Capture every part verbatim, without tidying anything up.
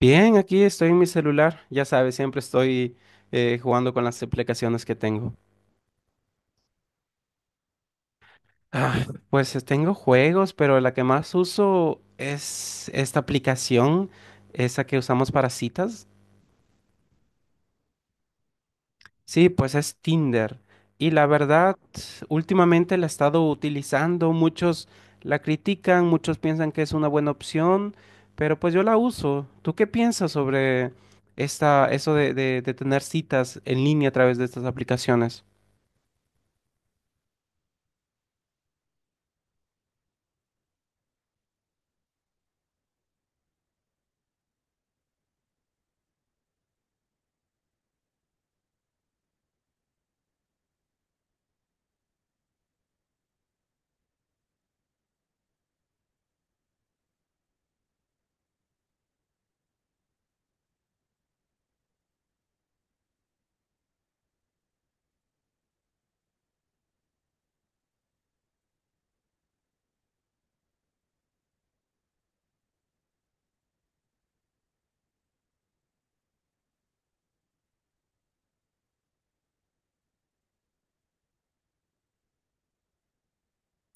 Bien, aquí estoy en mi celular. Ya sabes, siempre estoy eh, jugando con las aplicaciones que tengo. Ah, pues eh, tengo juegos, pero la que más uso es esta aplicación, esa que usamos para citas. Sí, pues es Tinder. Y la verdad, últimamente la he estado utilizando. Muchos la critican, muchos piensan que es una buena opción, pero pues yo la uso. ¿Tú qué piensas sobre esta, eso de de- de tener citas en línea a través de estas aplicaciones?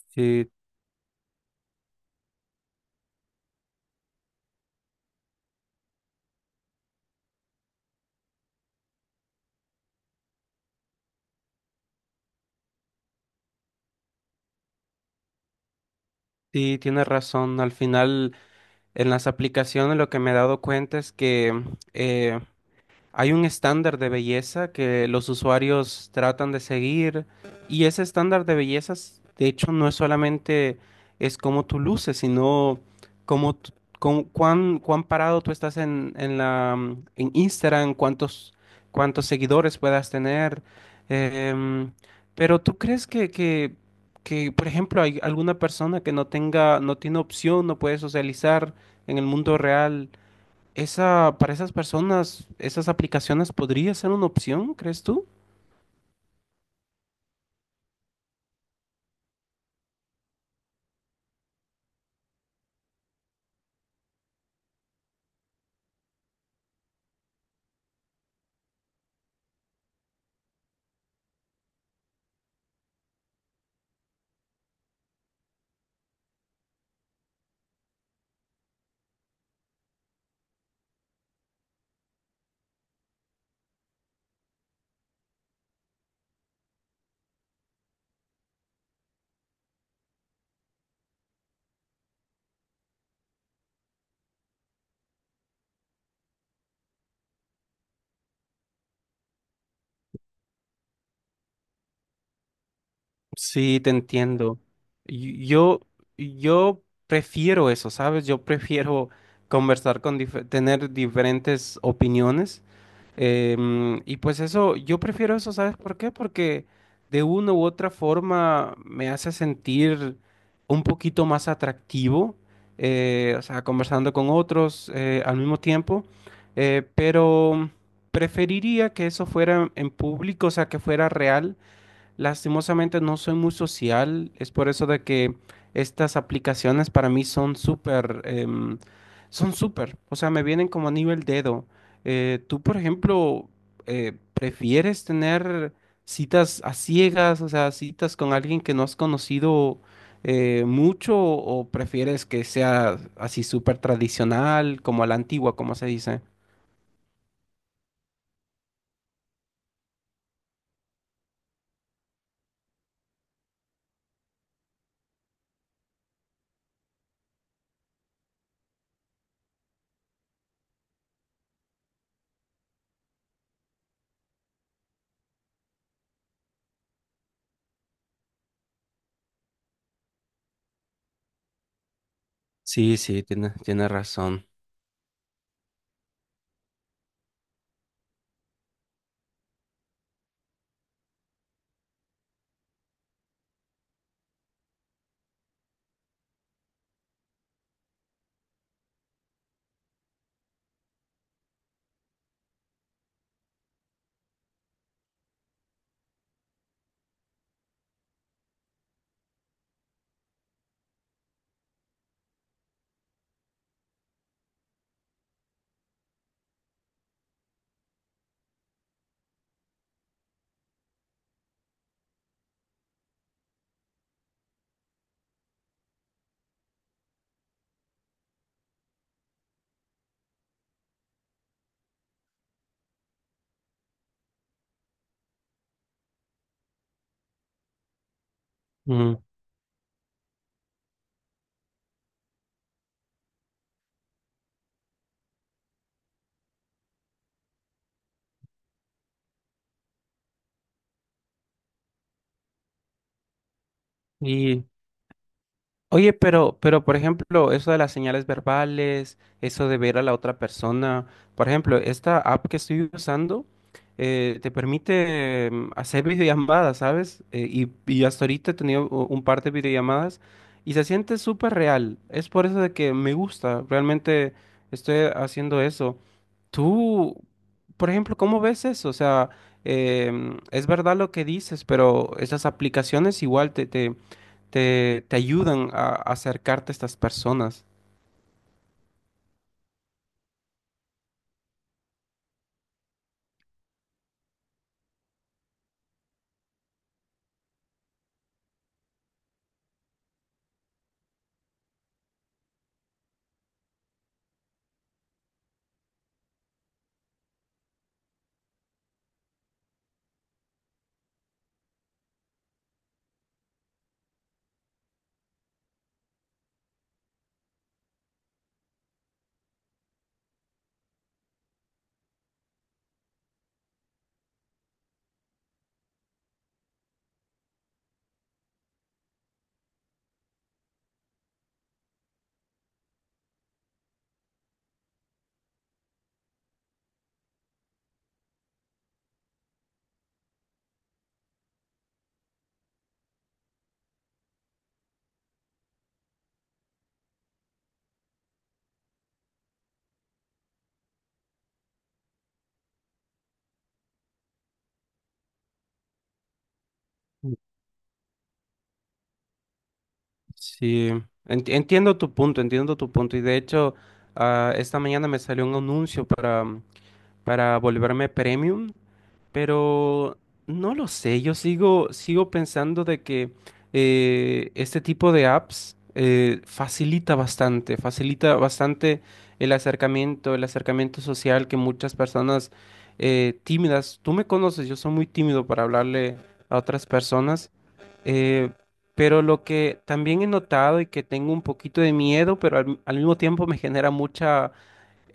Sí, sí, tienes razón. Al final, en las aplicaciones lo que me he dado cuenta es que eh, hay un estándar de belleza que los usuarios tratan de seguir, y ese estándar de belleza, s- de hecho, no es solamente es cómo tú luces, sino cómo, t- cómo- cuán, cuán parado tú estás en, en la, mm, en Instagram, cuántos, cuántos seguidores puedas tener. em, pero ¿tú crees que, que, que, por ejemplo, hay alguna persona que no tenga, no tiene opción, no puede socializar en el mundo real? Esa, para esas personas, esas aplicaciones podría ser una opción, ¿crees tú? Sí, te entiendo. Y- Yo, yo prefiero eso, ¿sabes? Yo prefiero conversar con, dif- tener diferentes opiniones. Em, y pues eso, yo prefiero eso, ¿sabes por qué? Porque de una u otra forma me hace sentir un poquito más atractivo, eh, o sea, conversando con otros eh, al mismo tiempo, eh, pero preferiría que eso fuera en público, o sea, que fuera real. Lastimosamente no soy muy social, es por eso de que estas aplicaciones para mí son súper, em, son súper, o sea, me vienen como anillo el dedo. Eh, tú, por ejemplo, eh, ¿prefieres tener citas a ciegas, o sea, citas con alguien que no has conocido eh, mucho, o prefieres que sea así súper tradicional, como a la antigua, como se dice? Sí, sí, tienes, tienes razón. Ujú. Y oye, pero, pero por ejemplo, eso de las señales verbales, eso de ver a la otra persona, por ejemplo, esta app que estoy usando eh, te permite em, hacer videollamadas, ¿sabes? Eh, y, y hasta ahorita he tenido u- un par de videollamadas y se siente súper real. Es por eso de que me gusta, realmente estoy haciendo eso. Tú, por ejemplo, ¿cómo ves eso? O sea, em, es verdad lo que dices, pero esas aplicaciones igual te, te ayudan a acercarte a estas personas. Sí, enti- entiendo tu punto, entiendo tu punto. Y de hecho, ah, esta mañana me salió un anuncio para, mm, para volverme premium, pero no lo sé, yo sigo, sigo pensando de que eh, este tipo de apps eh, facilita bastante, facilita bastante el acercamiento, el acercamiento social que muchas personas eh, tímidas, tú me conoces, yo soy muy tímido para hablarle a otras personas. Eh, pero lo que también he notado y que tengo un poquito de miedo, pero al, al mismo tiempo me genera mucha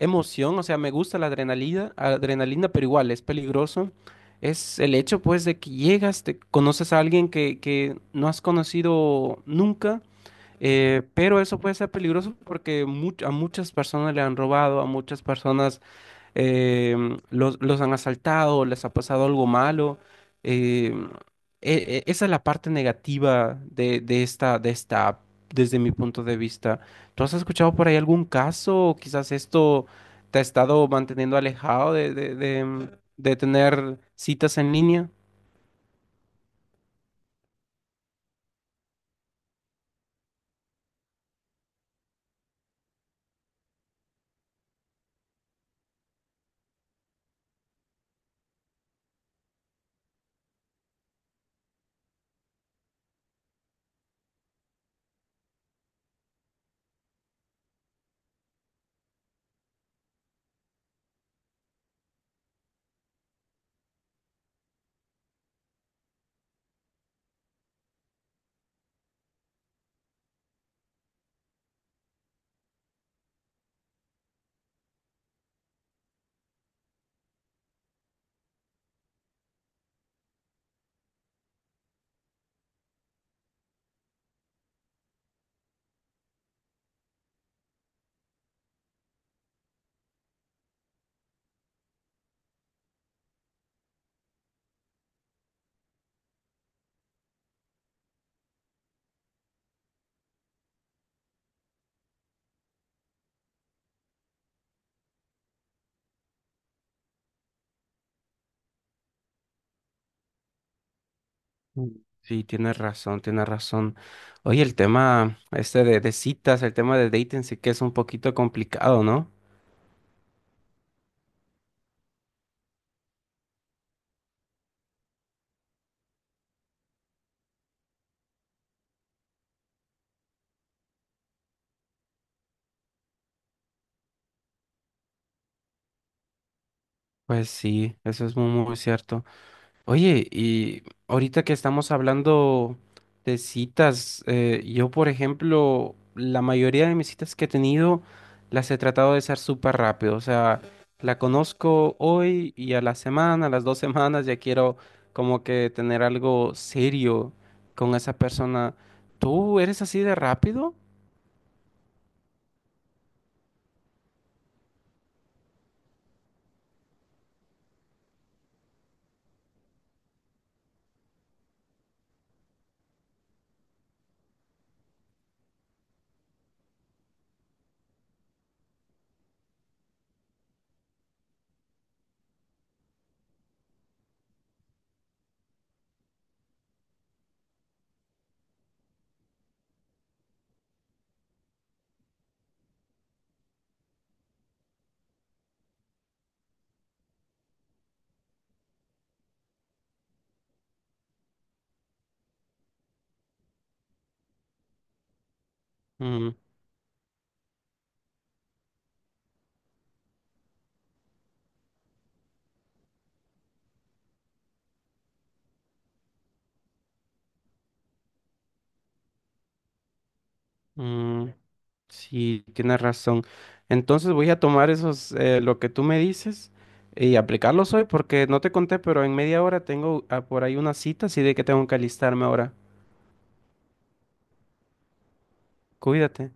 emoción, o sea, me gusta la adrenalina, adrenalina, pero igual es peligroso, es el hecho pues de que llegas, te conoces a alguien que, que no has conocido nunca, eh, pero eso puede ser peligroso porque mu- a muchas personas le han robado, a muchas personas eh, los, los han asaltado, les ha pasado algo malo. eh, e- e- Esa es la parte negativa de, de esta, de esta app, desde mi punto de vista. ¿Tú has escuchado por ahí algún caso? O quizás esto te ha estado manteniendo alejado de, de, de, em, de tener citas en línea. Sí, tienes razón, tienes razón. Oye, el tema este de, de citas, el tema de dating sí que es un poquito complicado, ¿no? Pues sí, eso es muy, muy cierto. Oye, y ahorita que estamos hablando de citas, eh, yo por ejemplo, la mayoría de mis citas que he tenido las he tratado de ser súper rápido, o sea, la conozco hoy y a la semana, a las dos semanas ya quiero como que tener algo serio con esa persona. ¿Tú eres así de rápido? Mm, mm. Sí, tienes razón. Entonces voy a tomar esos, eh, lo que tú me dices y aplicarlos hoy porque no te conté, pero en media hora tengo ah, por ahí una cita, así de que tengo que alistarme ahora. Cuídate.